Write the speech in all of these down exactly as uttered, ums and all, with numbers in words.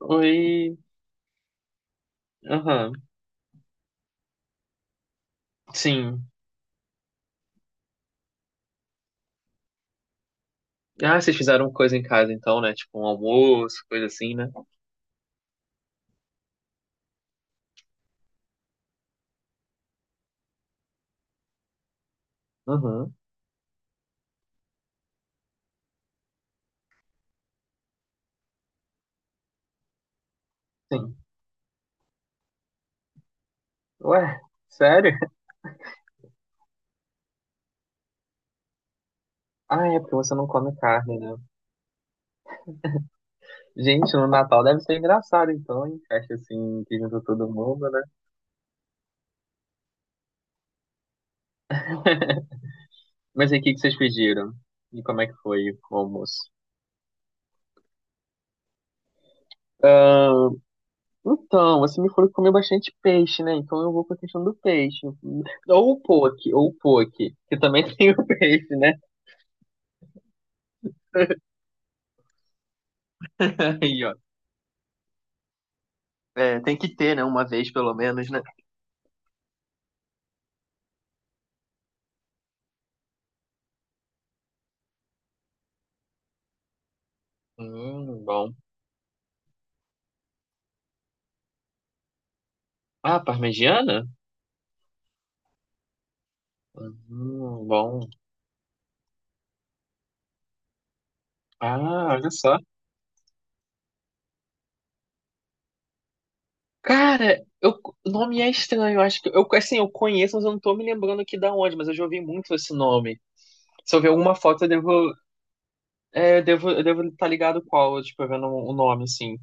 Oi. Aham. Sim. Ah, vocês fizeram coisa em casa então, né? Tipo um almoço, coisa assim, né? Uhum. Sim. Ué, sério? Ah, é porque você não come carne, né? Gente, no Natal deve ser engraçado então, hein? Festa assim, que junta todo mundo, né? Mas aí, o que que vocês pediram? E como é que foi o almoço? Ah, então, você me falou que comeu bastante peixe, né? Então eu vou com a questão do peixe. Ou o poke, ou o poke, que também tem o peixe, né? Aí, ó. É, tem que ter, né? Uma vez pelo menos, né? Hum, bom. Ah, parmegiana? Hum, bom. Ah, olha só. Cara, eu, o nome é estranho. Eu Acho que eu, assim, eu conheço, mas eu não tô me lembrando aqui da onde, mas eu já ouvi muito esse nome. Se eu ver alguma foto, eu devo, é, eu devo, eu devo estar ligado qual, tipo, vendo o nome, assim.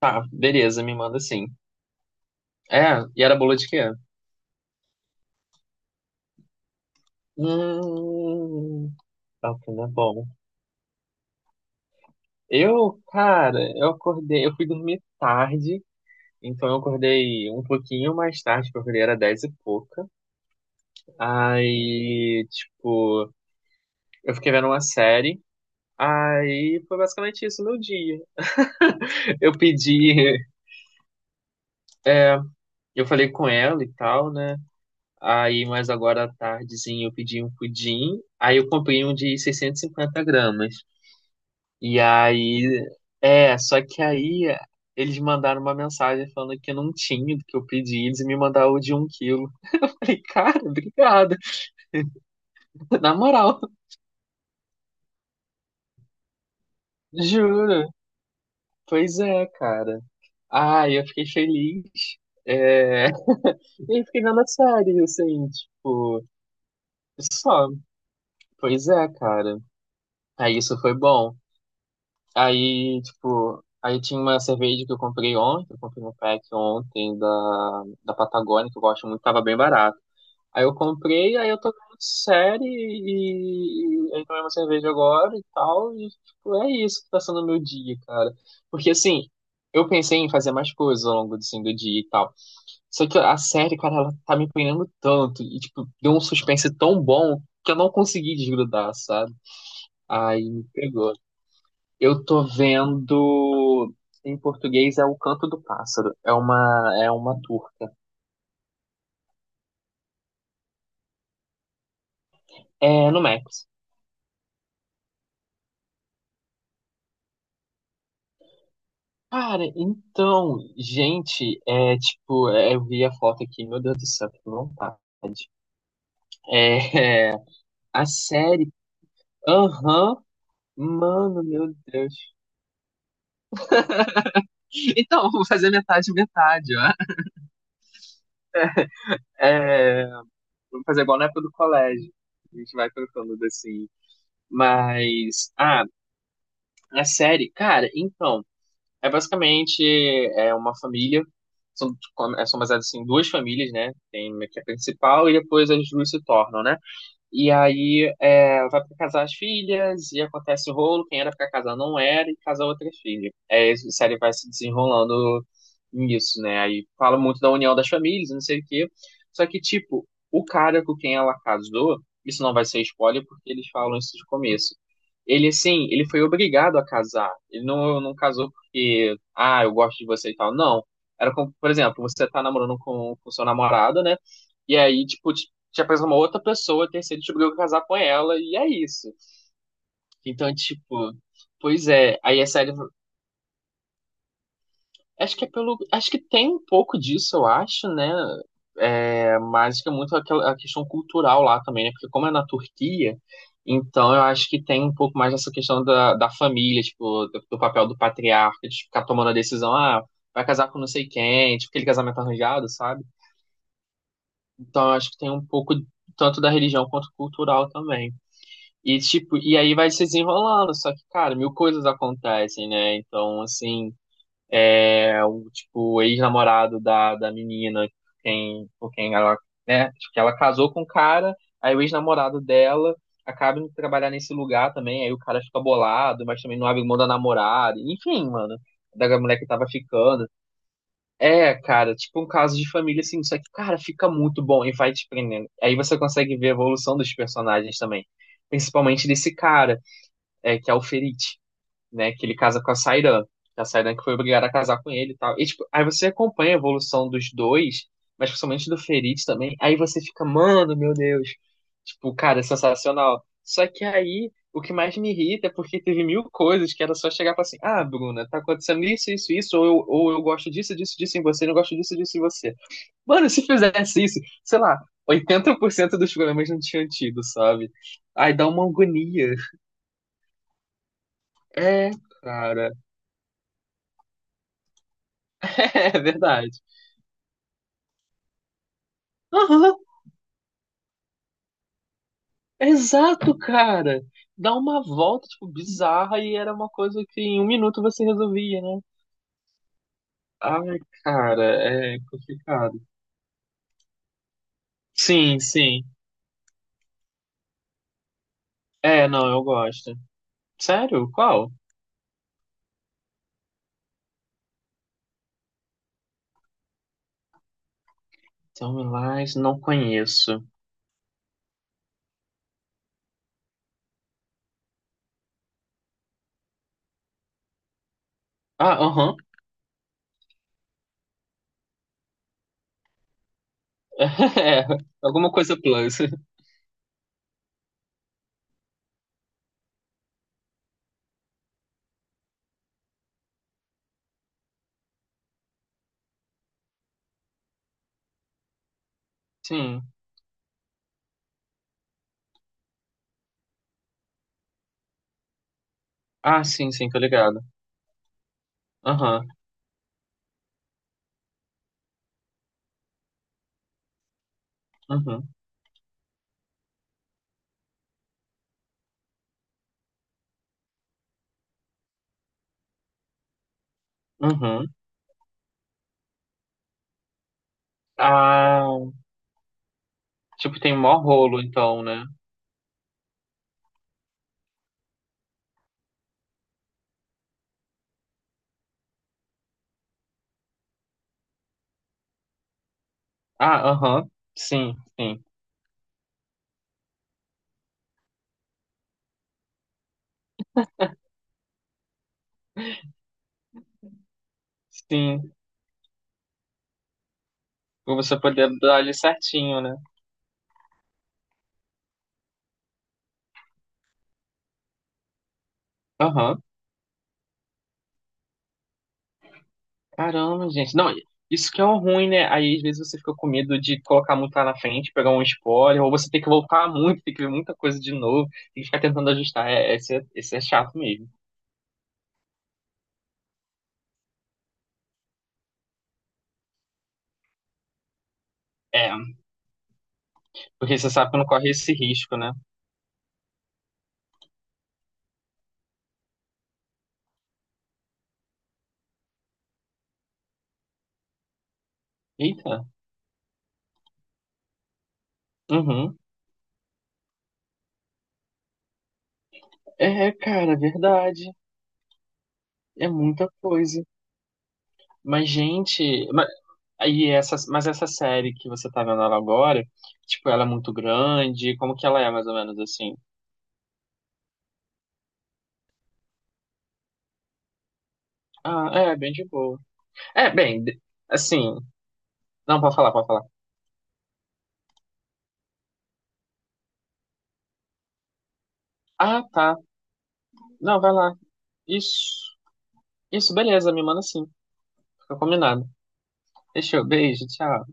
Tá, beleza, me manda sim. É, e era bolo de quê? Hum, tá, não é bom. Eu, cara, eu acordei, eu fui dormir tarde. Então eu acordei um pouquinho mais tarde, porque eu acordei era dez e pouca. Aí, tipo, eu fiquei vendo uma série. Aí foi basicamente isso meu dia. Eu pedi, é, eu falei com ela e tal, né? Aí, mas agora à tardezinha eu pedi um pudim. Aí eu comprei um de seiscentos e cinquenta gramas. E aí, é, só que aí eles mandaram uma mensagem falando que não tinha do que eu pedi, eles me mandaram o de um quilo. Eu falei, cara, obrigado. Na moral. Juro, pois é, cara. Ai, eu fiquei feliz. É... E fiquei vendo a série, assim, tipo, só. Pois é, cara. Aí isso foi bom. Aí, tipo, aí tinha uma cerveja que eu comprei ontem, eu comprei um pack ontem da, da, Patagônia, que eu gosto muito, tava bem barato. Aí eu comprei, aí eu tô vendo série e, e aí tomei uma cerveja agora e tal, e tipo, é isso que tá sendo o meu dia, cara. Porque assim, eu pensei em fazer mais coisas ao longo assim, do dia e tal. Só que a série, cara, ela tá me prendendo tanto e tipo, deu um suspense tão bom que eu não consegui desgrudar, sabe? Aí me pegou. Eu tô vendo, em português é O Canto do Pássaro, é uma é uma turca. É no Max. Cara, então, gente, é tipo, é, eu vi a foto aqui, meu Deus do céu, que vontade. É, a série, aham, mano, meu Deus. Então, vou fazer metade, metade, ó. É, vou fazer igual na época do colégio. A gente vai trocando assim. Mas, ah, a série, cara, então, é basicamente é uma família. São, é, são baseadas assim, em duas famílias, né? Tem a que é a principal e depois as duas se tornam, né? E aí é, vai pra casar as filhas e acontece o rolo, quem era pra casar não era, e casa outra filha. É, a série vai se desenrolando nisso, né? Aí fala muito da união das famílias, não sei o quê. Só que, tipo, o cara com quem ela casou, isso não vai ser spoiler porque eles falam isso de começo. Ele, assim, ele foi obrigado a casar. Ele não, não casou porque, ah, eu gosto de você e tal. Não. Era como, por exemplo, você tá namorando com, com, seu namorado, né? E aí, tipo, tinha preso uma outra pessoa, a terceira descobriu que ia casar com ela, e é isso. Então, tipo, pois é, aí a série. Acho que é pelo. Acho que tem um pouco disso, eu acho, né? É, mas que é muito aquela a questão cultural lá também, né? Porque como é na Turquia, então eu acho que tem um pouco mais dessa questão da, da, família, tipo, do, do papel do patriarca, de ficar tomando a decisão, ah, vai casar com não sei quem, tipo, aquele casamento arranjado, sabe? Então eu acho que tem um pouco tanto da religião quanto cultural também. E tipo, e aí vai se desenrolando, só que, cara, mil coisas acontecem, né? Então, assim, é o tipo, o ex-namorado da, da menina, quem, com quem ela, né? Acho que ela casou com o cara, aí o ex-namorado dela acaba indo trabalhar nesse lugar também, aí o cara fica bolado, mas também não abre mão da namorada, enfim, mano, da mulher que tava ficando. É, cara, tipo um caso de família, assim, só que, cara, fica muito bom e vai te prendendo. Aí você consegue ver a evolução dos personagens também. Principalmente desse cara, é, que é o Ferit, né? Que ele casa com a Sairan. A Sairan que foi obrigada a casar com ele e tal. E, tipo, aí você acompanha a evolução dos dois, mas principalmente do Ferit também. Aí você fica, mano, meu Deus. Tipo, cara, é sensacional. Só que aí, o que mais me irrita é porque teve mil coisas que era só chegar e falar assim: ah, Bruna, tá acontecendo isso, isso, isso, ou eu, ou eu gosto disso, disso, disso em você, não gosto disso, disso em você. Mano, se fizesse isso, sei lá, oitenta por cento dos problemas não tinham tido, sabe? Aí dá uma agonia. É, cara. É, verdade. Aham, exato, cara. Dá uma volta, tipo, bizarra e era uma coisa que em um minuto você resolvia, né? Ai, cara, é complicado. Sim, sim. É, não, eu gosto. Sério? Qual? Tell Me Lies, não conheço. Ah, aham. É, alguma coisa plus. Sim. Ah, sim, sim, tô ligado. Aham, uhum, uhum. Ah, tipo, tem mó rolo, então, né? Ah, aham. Sim, sim. Sim. Pra você poder dar ali certinho, né? Aham. Caramba, gente. Não, isso que é um ruim, né? Aí às vezes você fica com medo de colocar muito lá na frente, pegar um spoiler, ou você tem que voltar muito, tem que ver muita coisa de novo, tem que ficar tentando ajustar. É, esse, é, esse é chato mesmo. É, porque você sabe que não corre esse risco, né? Eita. Uhum. É, cara, verdade. É muita coisa. Mas, gente, mas, aí essa, mas essa série que você tá vendo ela agora, tipo, ela é muito grande. Como que ela é, mais ou menos assim? Ah, é, bem de boa. É, bem, de- assim. Não, pode falar, pode falar. Ah, tá. Não, vai lá. Isso. Isso, beleza, me manda sim. Fica combinado. Fechou, beijo, tchau.